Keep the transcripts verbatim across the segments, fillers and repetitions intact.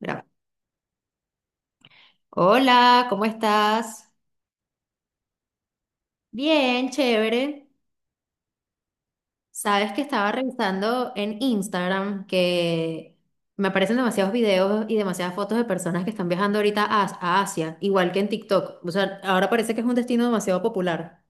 Gra- Hola, ¿cómo estás? Bien, chévere. Sabes que estaba revisando en Instagram que me aparecen demasiados videos y demasiadas fotos de personas que están viajando ahorita a, a Asia, igual que en TikTok. O sea, ahora parece que es un destino demasiado popular.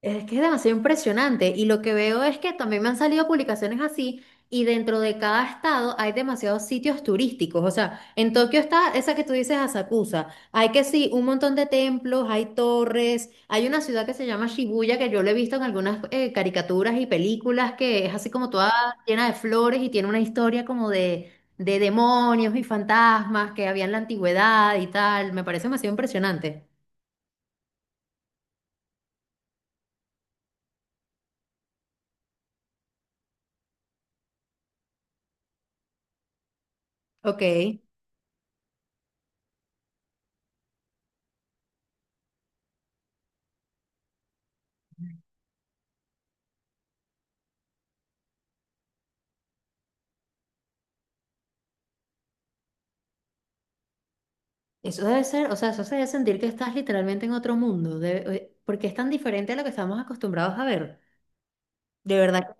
Es que es demasiado impresionante y lo que veo es que también me han salido publicaciones así y dentro de cada estado hay demasiados sitios turísticos. O sea, en Tokio está esa que tú dices, Asakusa. Hay que sí, un montón de templos, hay torres, hay una ciudad que se llama Shibuya que yo lo he visto en algunas eh, caricaturas y películas que es así como toda llena de flores y tiene una historia como de, de demonios y fantasmas que había en la antigüedad y tal. Me parece demasiado impresionante. Ok. Eso debe ser, o sea, eso se debe sentir que estás literalmente en otro mundo, debe- eh, porque es tan diferente a lo que estamos acostumbrados a ver. De verdad,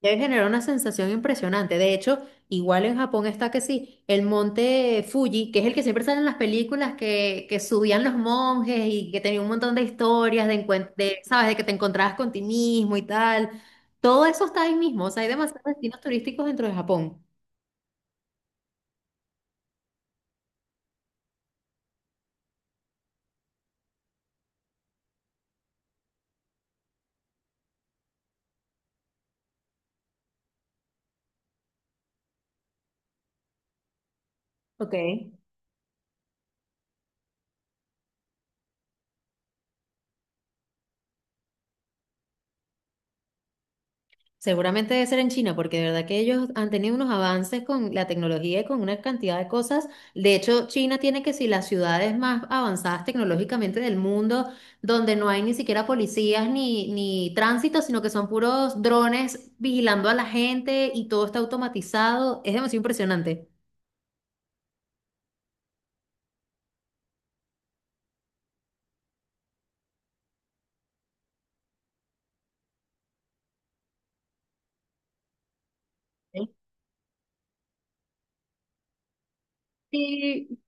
que debe generar una sensación impresionante. De hecho, igual en Japón está que sí, el monte Fuji, que es el que siempre sale en las películas que, que subían los monjes y que tenía un montón de historias de, encuen- de, ¿sabes? De que te encontrabas con ti mismo y tal. Todo eso está ahí mismo, o sea, hay demasiados destinos turísticos dentro de Japón. Ok. Seguramente debe ser en China, porque de verdad que ellos han tenido unos avances con la tecnología y con una cantidad de cosas. De hecho, China tiene que si las ciudades más avanzadas tecnológicamente del mundo, donde no hay ni siquiera policías ni, ni tránsito, sino que son puros drones vigilando a la gente y todo está automatizado. Es demasiado impresionante. Sí.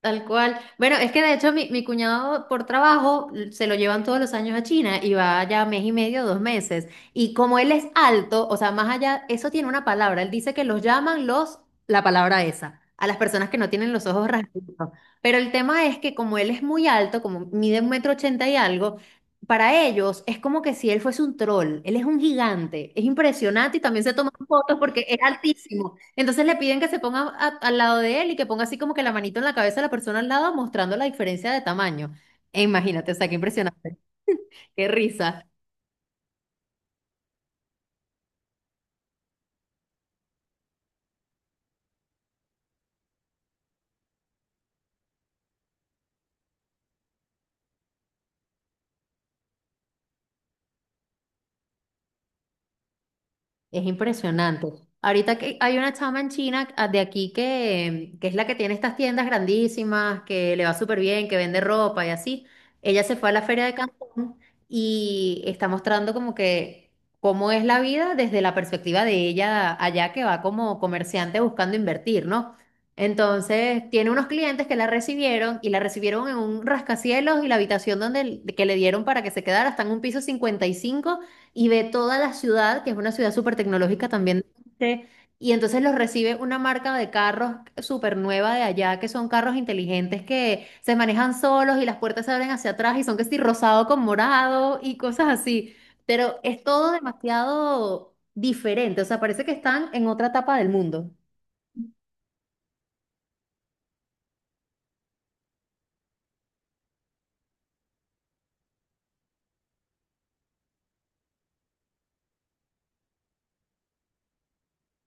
Tal cual. Bueno, es que de hecho mi, mi cuñado por trabajo l- se lo llevan todos los años a China y va ya mes y medio, dos meses. Y como él es alto, o sea, más allá, eso tiene una palabra. Él dice que los llaman los, la palabra esa, a las personas que no tienen los ojos rasgados. Pero el tema es que como él es muy alto, como mide un metro ochenta y algo, para ellos es como que si él fuese un troll. Él es un gigante. Es impresionante y también se toman fotos porque es altísimo. Entonces le piden que se ponga a- al lado de él y que ponga así como que la manito en la cabeza de la persona al lado, mostrando la diferencia de tamaño. E imagínate, o sea, qué impresionante. Qué risa. Es impresionante. Ahorita que hay una chama en China ah, de aquí que, que es la que tiene estas tiendas grandísimas, que le va súper bien, que vende ropa y así. Ella se fue a la feria de Cancún y está mostrando como que cómo es la vida desde la perspectiva de ella allá que va como comerciante buscando invertir, ¿no? Entonces, tiene unos clientes que la recibieron y la recibieron en un rascacielos y la habitación donde que le dieron para que se quedara está en un piso cincuenta y cinco y ve toda la ciudad, que es una ciudad súper tecnológica también. Sí. Y entonces los recibe una marca de carros súper nueva de allá, que son carros inteligentes que se manejan solos y las puertas se abren hacia atrás y son que sí, rosado con morado y cosas así. Pero es todo demasiado diferente, o sea, parece que están en otra etapa del mundo.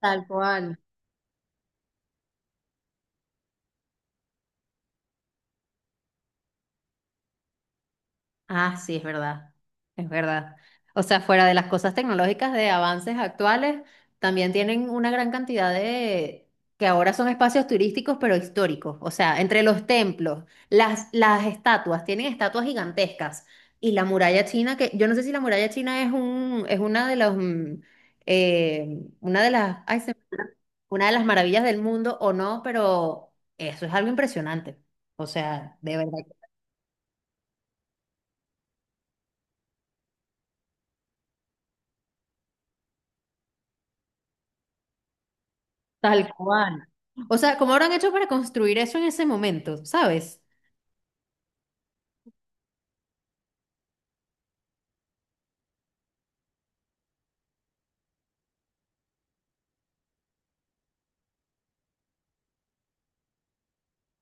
Tal cual. Ah, sí, es verdad, es verdad. O sea, fuera de las cosas tecnológicas de avances actuales, también tienen una gran cantidad de, que ahora son espacios turísticos, pero históricos. O sea, entre los templos, las, las estatuas, tienen estatuas gigantescas. Y la muralla china, que yo no sé si la muralla china es un, es una de los, mm, eh, una de las, ay, se- una de las maravillas del mundo o no, pero eso es algo impresionante. O sea, de verdad tal cual. O sea, ¿cómo habrán hecho para construir eso en ese momento? ¿Sabes?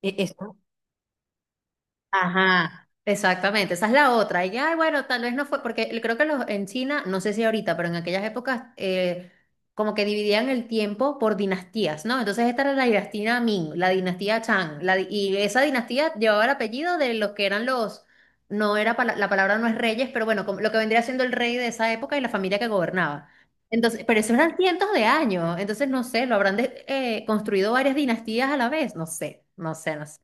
E- Eso Ajá, exactamente, esa es la otra. Y ay, bueno, tal vez no fue, porque el- creo que los, en China, no sé si ahorita, pero en aquellas épocas, eh, como que dividían el tiempo por dinastías, ¿no? Entonces esta era la dinastía Ming, la dinastía Chang, la di- y esa dinastía llevaba el apellido de los que eran los, no era, pala- la palabra no es reyes, pero bueno, como lo que vendría siendo el rey de esa época y la familia que gobernaba. Entonces, pero eso eran cientos de años, entonces no sé, lo habrán de- eh, construido varias dinastías a la vez, no sé, no sé, no sé.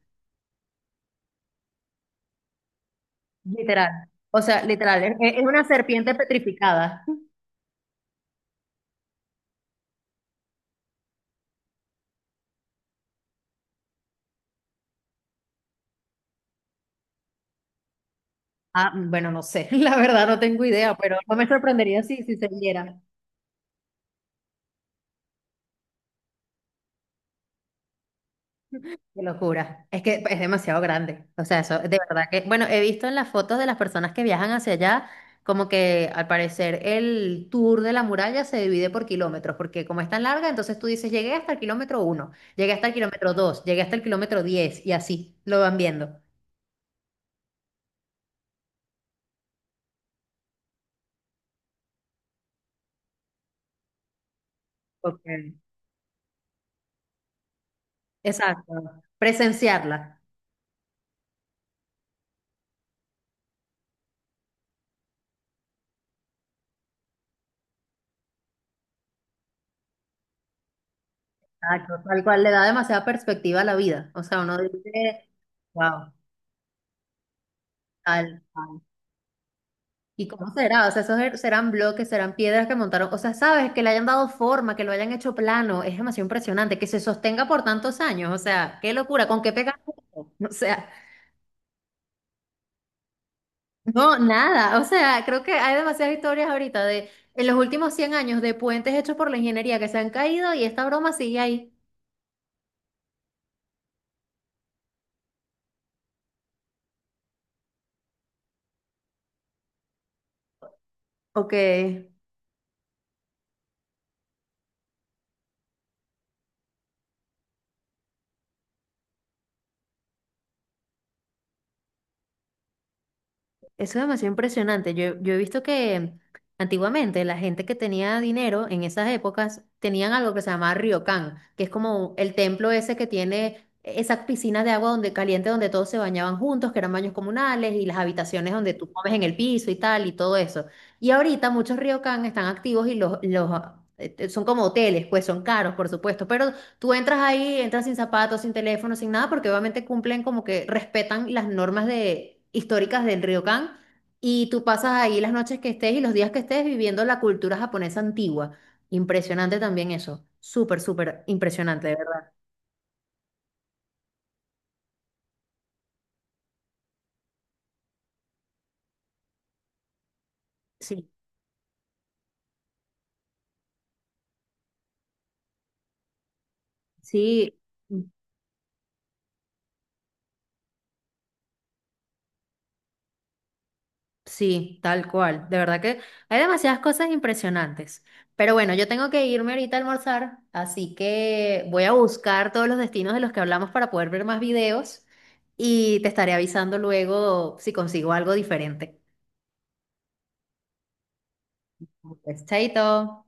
Literal. O sea, literal, es, es una serpiente petrificada. Ah, bueno, no sé, la verdad no tengo idea, pero no me sorprendería si, si se viera. Qué locura. Es que es demasiado grande. O sea, eso, de verdad que, bueno, he visto en las fotos de las personas que viajan hacia allá, como que al parecer el tour de la muralla se divide por kilómetros, porque como es tan larga, entonces tú dices, llegué hasta el kilómetro uno, llegué hasta el kilómetro dos, llegué hasta el kilómetro diez y así lo van viendo. Ok. Exacto. Presenciarla. Exacto, tal cual le da demasiada perspectiva a la vida. O sea, uno dice, wow, tal, tal. ¿Y cómo será? O sea, esos er- serán bloques, serán piedras que montaron. O sea, sabes, que le hayan dado forma, que lo hayan hecho plano. Es demasiado impresionante, que se sostenga por tantos años. O sea, qué locura, ¿con qué pegas? O sea, no, nada. O sea, creo que hay demasiadas historias ahorita de en los últimos cien años de puentes hechos por la ingeniería que se han caído y esta broma sigue ahí. Ok. Eso es demasiado impresionante. Yo, yo he visto que antiguamente la gente que tenía dinero en esas épocas tenían algo que se llamaba ryokan, que es como el templo ese que tiene esas piscinas de agua donde caliente donde todos se bañaban juntos, que eran baños comunales y las habitaciones donde tú comes en el piso y tal y todo eso. Y ahorita muchos ryokan están activos y los, los eh, son como hoteles, pues son caros, por supuesto, pero tú entras ahí, entras sin zapatos, sin teléfono, sin nada, porque obviamente cumplen como que respetan las normas de, históricas del Ryokan y tú pasas ahí las noches que estés y los días que estés viviendo la cultura japonesa antigua. Impresionante también eso. Súper, súper impresionante, de verdad. Sí. Sí. Sí, tal cual. De verdad que hay demasiadas cosas impresionantes. Pero bueno, yo, tengo que irme ahorita a almorzar, así que voy a buscar todos los destinos de los que hablamos para poder ver más videos y te estaré avisando luego si consigo algo diferente. Pues, chaito.